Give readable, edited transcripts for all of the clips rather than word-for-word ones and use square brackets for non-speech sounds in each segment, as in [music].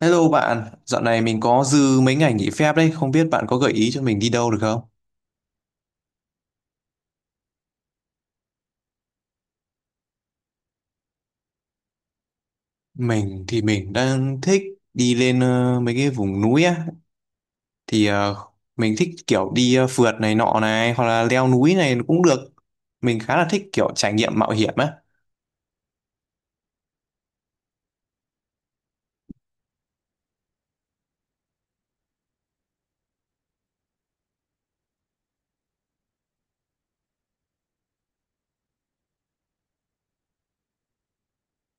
Hello bạn, dạo này mình có dư mấy ngày nghỉ phép đấy, không biết bạn có gợi ý cho mình đi đâu được không? Mình đang thích đi lên mấy cái vùng núi á, thì mình thích kiểu đi phượt này nọ này, hoặc là leo núi này cũng được. Mình khá là thích kiểu trải nghiệm mạo hiểm á.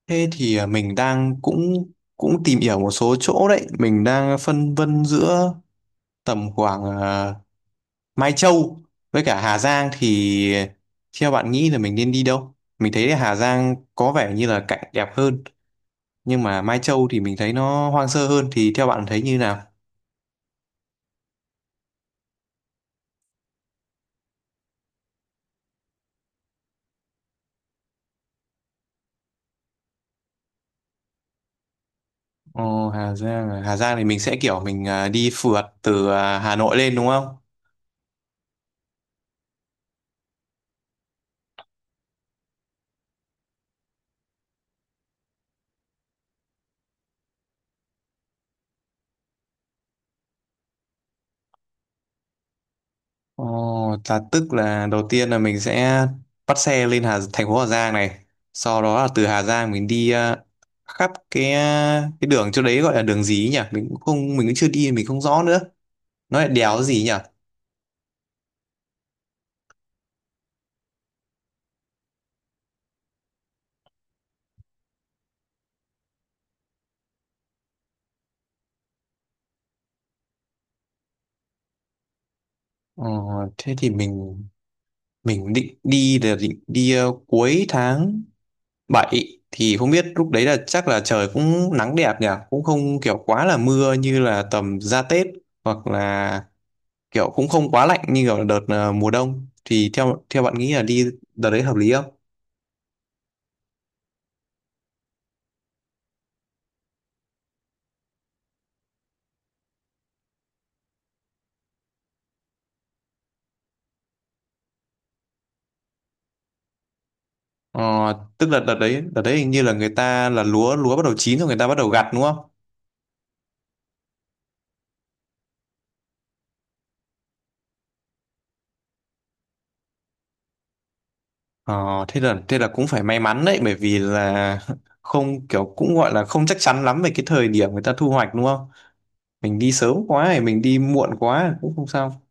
Thế thì mình đang cũng cũng tìm hiểu một số chỗ đấy, mình đang phân vân giữa tầm khoảng Mai Châu với cả Hà Giang thì theo bạn nghĩ là mình nên đi đâu? Mình thấy là Hà Giang có vẻ như là cảnh đẹp hơn nhưng mà Mai Châu thì mình thấy nó hoang sơ hơn thì theo bạn thấy như nào? Ờ, Hà Giang à? Hà Giang thì mình sẽ kiểu mình đi phượt từ Hà Nội lên đúng không? Ờ, là tức là đầu tiên là mình sẽ bắt xe lên thành phố Hà Giang này, sau đó là từ Hà Giang mình đi khắp cái đường chỗ đấy gọi là đường gì ấy nhỉ? Mình cũng chưa đi mình không rõ nữa. Nó là đèo gì nhỉ? Ờ, thế thì mình định đi cuối tháng 7 thì không biết lúc đấy là chắc là trời cũng nắng đẹp nhỉ cũng không kiểu quá là mưa như là tầm ra Tết hoặc là kiểu cũng không quá lạnh như kiểu đợt mùa đông thì theo theo bạn nghĩ là đi đợt đấy hợp lý không? Ờ, tức là đợt đấy hình như là người ta là lúa lúa bắt đầu chín rồi người ta bắt đầu gặt đúng không? Ờ, thế là cũng phải may mắn đấy bởi vì là [laughs] không kiểu cũng gọi là không chắc chắn lắm về cái thời điểm người ta thu hoạch đúng không? Mình đi sớm quá hay mình đi muộn quá cũng không sao.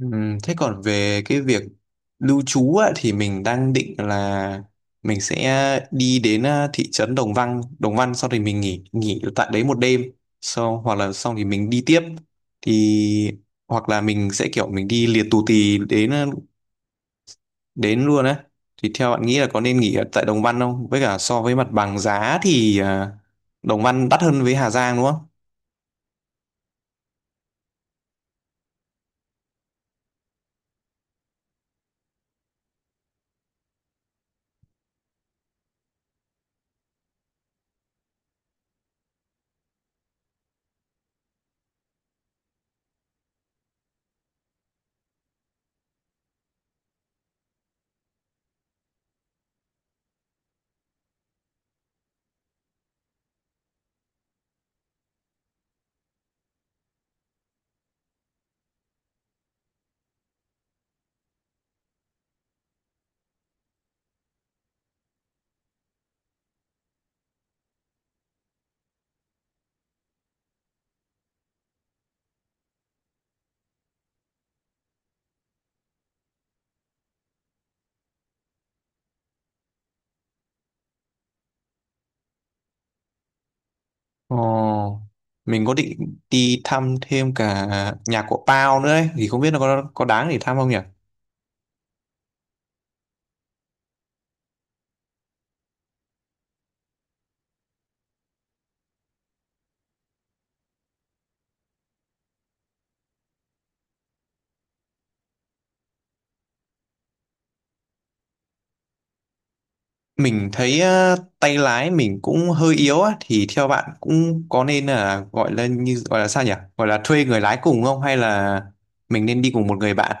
Thế còn về cái việc lưu trú á, thì mình đang định là mình sẽ đi đến thị trấn Đồng Văn, Đồng Văn sau thì mình nghỉ nghỉ tại đấy một đêm. Sau hoặc là xong thì mình đi tiếp thì hoặc là mình sẽ kiểu mình đi liệt tù tì đến luôn á thì theo bạn nghĩ là có nên nghỉ ở tại Đồng Văn không? Với cả so với mặt bằng giá thì Đồng Văn đắt hơn với Hà Giang đúng không? Ồ, mình có định đi thăm thêm cả nhà của Pao nữa ấy, thì không biết nó có đáng để thăm không nhỉ? Mình thấy tay lái mình cũng hơi yếu á thì theo bạn cũng có nên là gọi là như gọi là sao nhỉ? Gọi là thuê người lái cùng không hay là mình nên đi cùng một người bạn?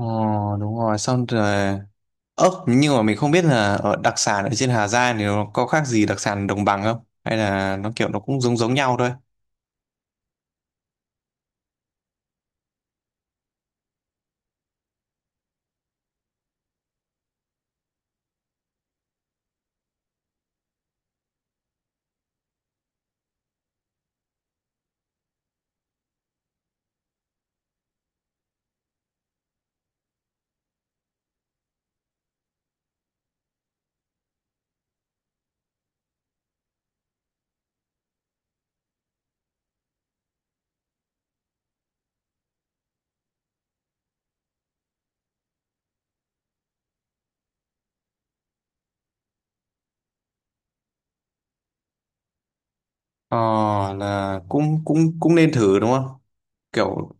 Ồ, đúng rồi, xong rồi. Ơ, nhưng mà mình không biết là ở đặc sản ở trên Hà Giang thì nó có khác gì đặc sản đồng bằng không? Hay là nó kiểu nó cũng giống giống nhau thôi? Ờ, là cũng cũng cũng nên thử đúng không? Kiểu,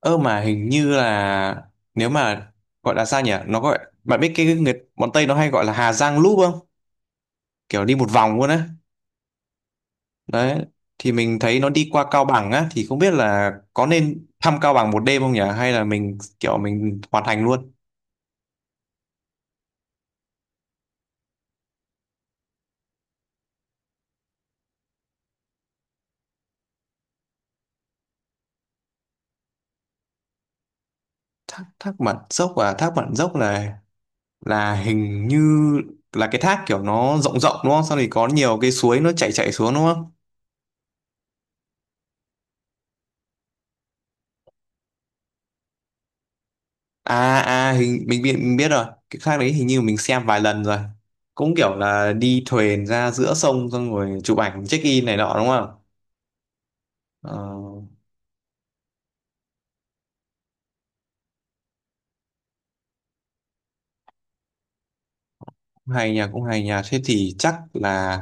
ơ mà hình như là nếu mà gọi là sao nhỉ? Nó gọi, bạn biết cái người bọn Tây nó hay gọi là Hà Giang Loop không? Kiểu đi một vòng luôn á. Đấy, thì mình thấy nó đi qua Cao Bằng á, thì không biết là có nên thăm Cao Bằng một đêm không nhỉ? Hay là mình kiểu mình hoàn thành luôn? Thác Mận Dốc à? Thác Mận Dốc là hình như là cái thác kiểu nó rộng rộng đúng không? Sau thì có nhiều cái suối nó chảy chảy xuống đúng không? À à hình mình biết rồi. Cái thác đấy hình như mình xem vài lần rồi. Cũng kiểu là đi thuyền ra giữa sông xong rồi chụp ảnh check in này nọ đúng không? Ờ, cũng hay nha, cũng hay nha. Thế thì chắc là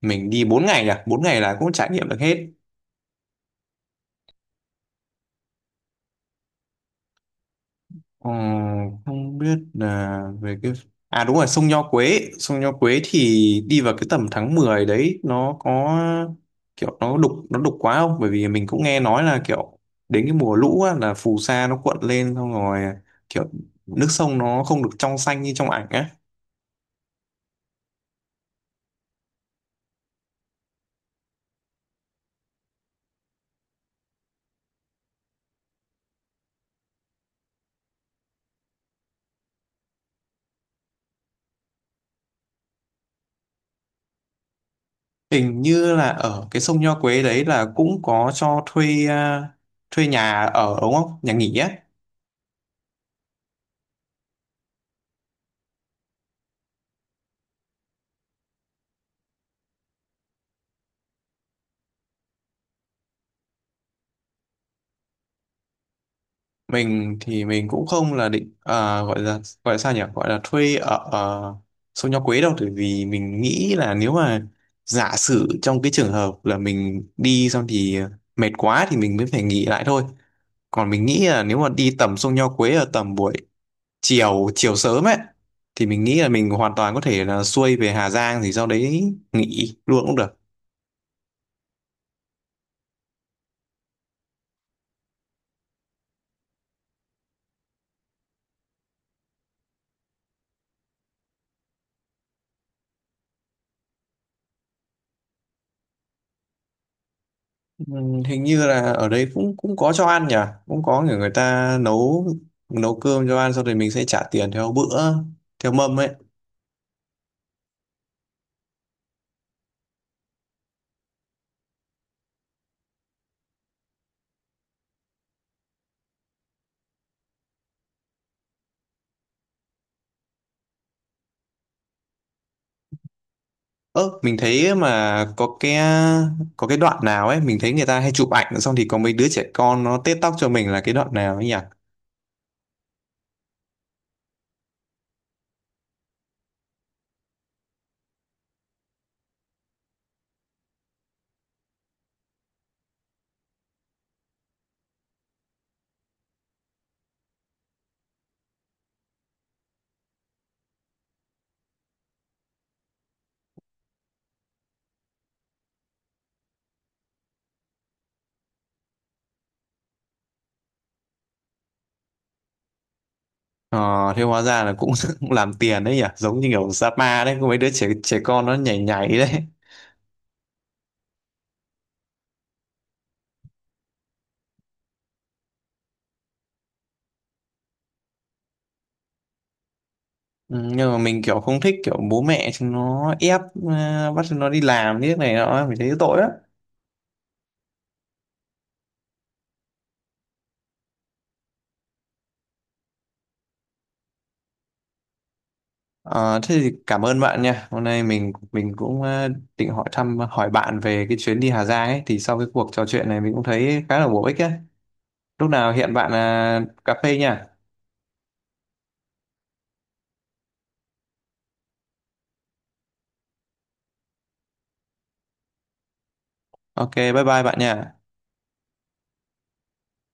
mình đi 4 ngày nhỉ? 4 ngày là cũng trải nghiệm được hết. Ờ, không biết là về cái à đúng rồi sông Nho Quế thì đi vào cái tầm tháng 10 đấy nó có kiểu nó đục quá không, bởi vì mình cũng nghe nói là kiểu đến cái mùa lũ á, là phù sa nó cuộn lên xong rồi kiểu nước sông nó không được trong xanh như trong ảnh á. Hình như là ở cái sông Nho Quế đấy là cũng có cho thuê à, thuê nhà ở đúng không, nhà nghỉ á. Mình cũng không là định à, gọi là sao nhỉ gọi là thuê ở uh, Sông Nho Quế đâu bởi vì mình nghĩ là nếu mà giả sử trong cái trường hợp là mình đi xong thì mệt quá thì mình mới phải nghỉ lại thôi, còn mình nghĩ là nếu mà đi tầm Sông Nho Quế ở tầm buổi chiều chiều sớm ấy thì mình nghĩ là mình hoàn toàn có thể là xuôi về Hà Giang thì sau đấy nghỉ luôn cũng được. Ừ, hình như là ở đấy cũng cũng có cho ăn nhỉ, cũng có người người ta nấu nấu cơm cho ăn xong rồi mình sẽ trả tiền theo bữa theo mâm ấy. Ơ mình thấy mà có cái đoạn nào ấy mình thấy người ta hay chụp ảnh xong thì có mấy đứa trẻ con nó tết tóc cho mình là cái đoạn nào ấy nhỉ. Ờ thế hóa ra là [laughs] cũng làm tiền đấy nhỉ giống như kiểu Sapa đấy có mấy đứa trẻ trẻ con nó nhảy nhảy đấy. Ừ, nhưng mà mình kiểu không thích kiểu bố mẹ chúng nó ép bắt chúng nó đi làm như này nọ mình thấy tội lắm. Ờ, thế thì cảm ơn bạn nha. Hôm nay mình cũng định hỏi bạn về cái chuyến đi Hà Giang ấy thì sau cái cuộc trò chuyện này mình cũng thấy khá là bổ ích ấy. Lúc nào hẹn bạn cà phê nha. Ok, bye bye bạn nha.